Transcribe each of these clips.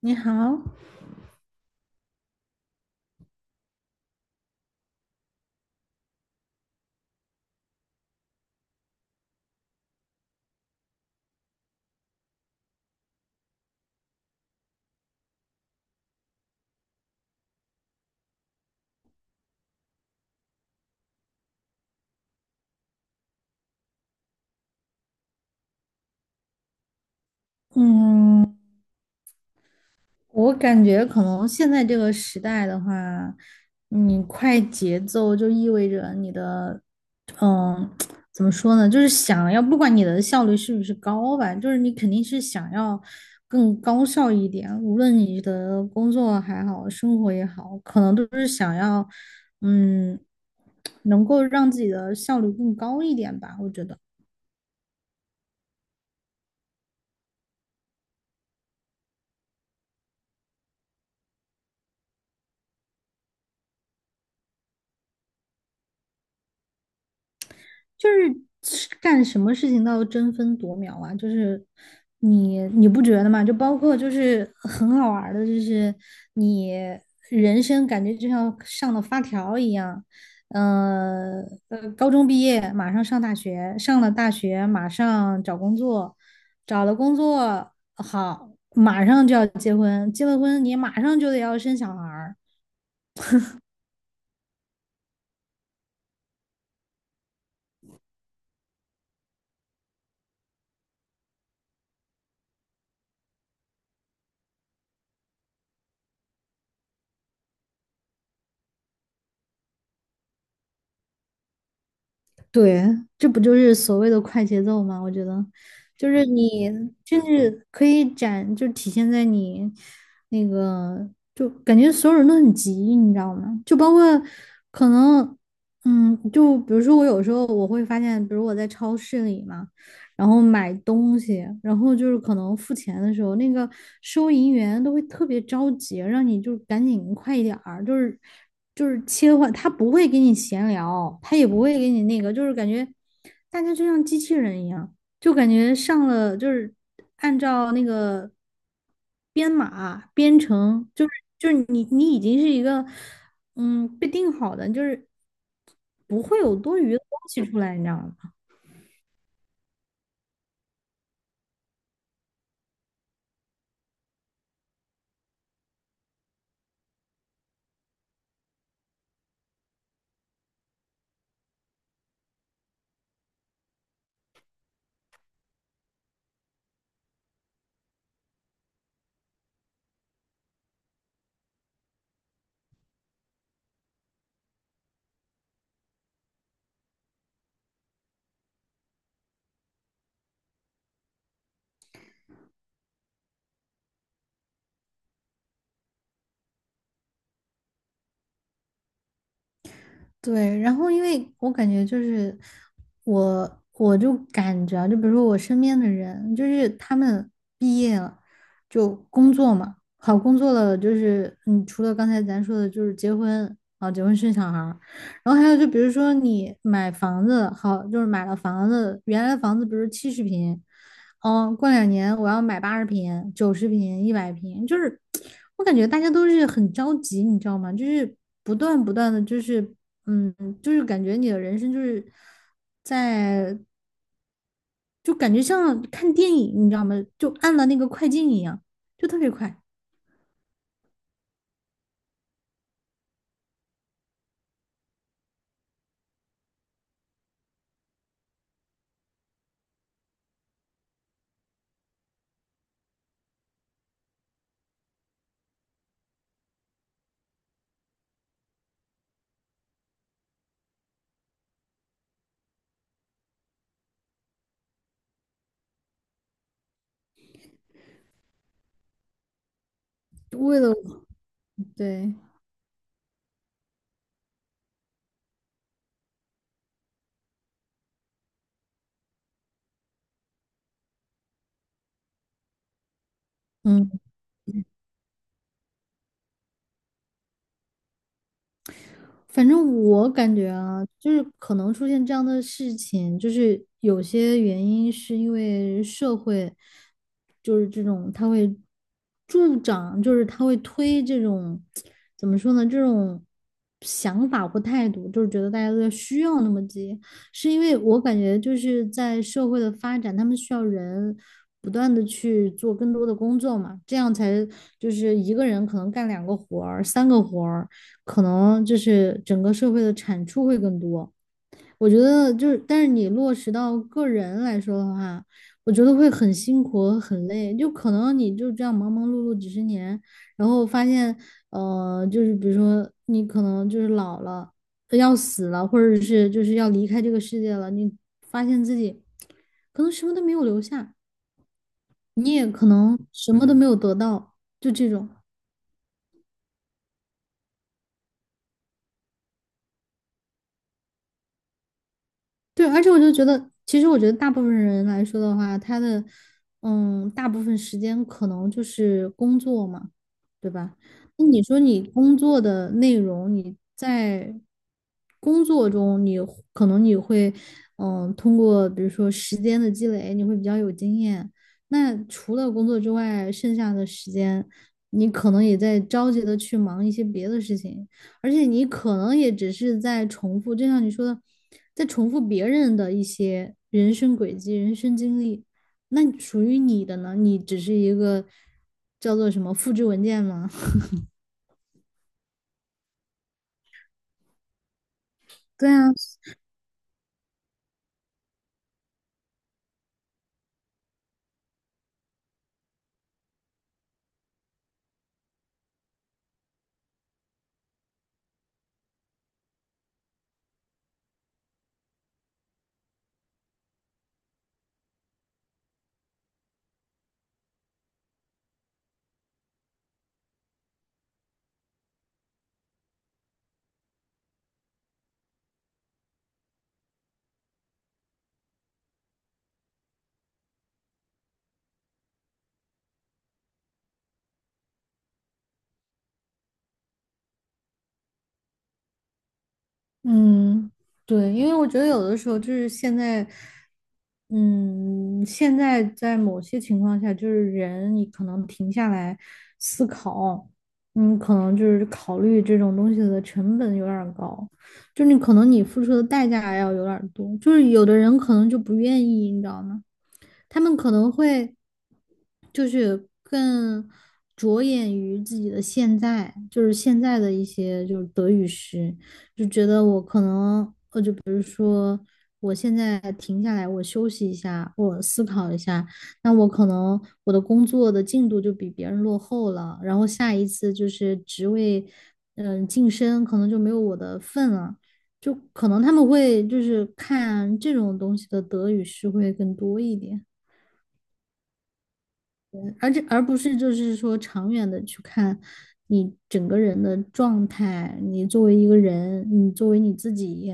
你好。嗯，我感觉可能现在这个时代的话，你快节奏就意味着你的，嗯，怎么说呢？就是想要，不管你的效率是不是高吧，就是你肯定是想要更高效一点，无论你的工作还好，生活也好，可能都是想要，嗯，能够让自己的效率更高一点吧，我觉得。就是干什么事情都要争分夺秒啊，就是你不觉得吗？就包括就是很好玩的，就是你人生感觉就像上了发条一样，呃高中毕业马上上大学，上了大学马上找工作，找了工作好，马上就要结婚，结了婚你马上就得要生小孩儿。对，这不就是所谓的快节奏吗？我觉得，就是你甚至可以展，就体现在你那个，就感觉所有人都很急，你知道吗？就包括可能，就比如说我有时候我会发现，比如我在超市里嘛。然后买东西，然后就是可能付钱的时候，那个收银员都会特别着急，让你就是赶紧快一点儿，就是切换，他不会给你闲聊，他也不会给你那个，就是感觉大家就像机器人一样，就感觉上了就是按照那个编码编程，就是你已经是一个被定好的，就是不会有多余的东西出来，你知道吗？对，然后因为我感觉就是我就感觉啊，就比如说我身边的人，就是他们毕业了就工作嘛，好工作了，就是除了刚才咱说的，就是结婚啊，结婚生小孩儿然后还有就比如说你买房子，好，就是买了房子，原来房子比如70平，哦，过2年我要买80平、90平、100平，就是我感觉大家都是很着急，你知道吗？就是不断不断的，就是嗯，就是感觉你的人生就是在，就感觉像看电影，你知道吗？就按了那个快进一样，就特别快。为了，对，嗯。反正我感觉啊，就是可能出现这样的事情，就是有些原因是因为社会，就是这种它会助长，就是他会推这种，怎么说呢，这种想法或态度，就是觉得大家都在需要那么急，是因为我感觉就是在社会的发展，他们需要人。不断的去做更多的工作嘛，这样才就是一个人可能干2个活儿、3个活儿，可能就是整个社会的产出会更多。我觉得就是，但是你落实到个人来说的话，我觉得会很辛苦和很累。就可能你就这样忙忙碌碌几十年，然后发现，就是比如说你可能就是老了，要死了，或者是就是要离开这个世界了，你发现自己可能什么都没有留下，你也可能什么都没有得到，就这种。对，而且我就觉得，其实我觉得大部分人来说的话，他的大部分时间可能就是工作嘛，对吧？那你说你工作的内容，你在工作中你，可能你会通过比如说时间的积累，你会比较有经验。那除了工作之外，剩下的时间，你可能也在着急的去忙一些别的事情。而且你可能也只是在重复，就像你说的，在重复别人的一些人生轨迹、人生经历。那属于你的呢？你只是一个叫做什么复制文件吗？对啊，嗯，对，因为我觉得有的时候就是现在，嗯，现在在某些情况下，就是人你可能停下来思考，可能就是考虑这种东西的成本有点儿高。就是你可能你付出的代价要有点多，就是有的人可能就不愿意，你知道吗？他们可能会就是更着眼于自己的现在，就是现在的一些就是得与失，就觉得我可能就比如说我现在停下来，我休息一下，我思考一下，那我可能我的工作的进度就比别人落后了，然后下一次就是职位。晋升可能就没有我的份了，就可能他们会就是看这种东西的得与失会更多一点，而且而不是就是说长远的去看你整个人的状态，你作为一个人，你作为你自己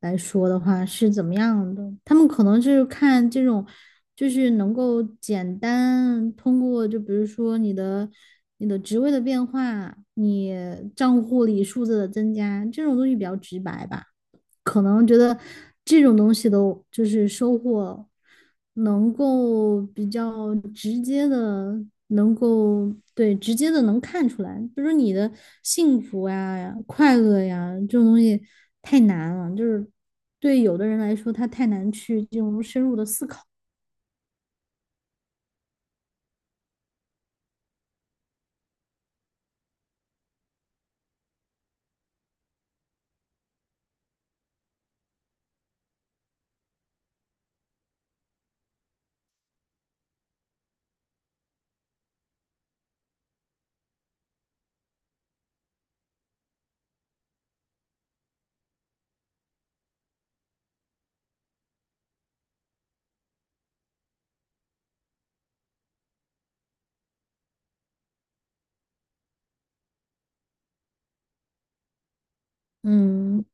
来说的话是怎么样的？他们可能是看这种，就是能够简单通过，就比如说你的职位的变化，你账户里数字的增加，这种东西比较直白吧。可能觉得这种东西的，就是收获能够比较直接的，能够对直接的能看出来，比如说你的幸福呀、快乐呀这种东西太难了，就是对有的人来说，他太难去这种深入的思考。嗯，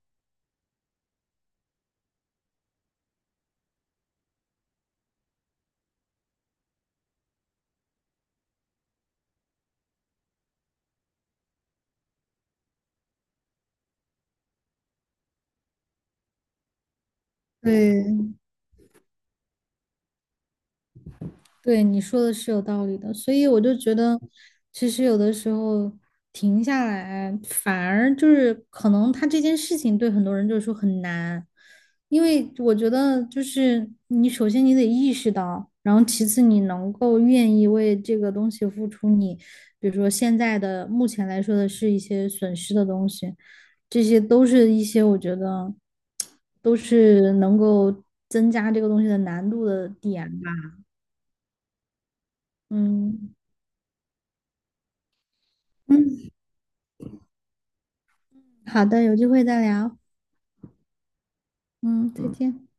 对。对，你说的是有道理的，所以我就觉得，其实有的时候停下来，反而就是可能他这件事情对很多人就是说很难，因为我觉得就是你首先你得意识到，然后其次你能够愿意为这个东西付出你，比如说现在的目前来说的是一些损失的东西，这些都是一些我觉得都是能够增加这个东西的难度的点吧，嗯。嗯，好的，有机会再聊。嗯，再见。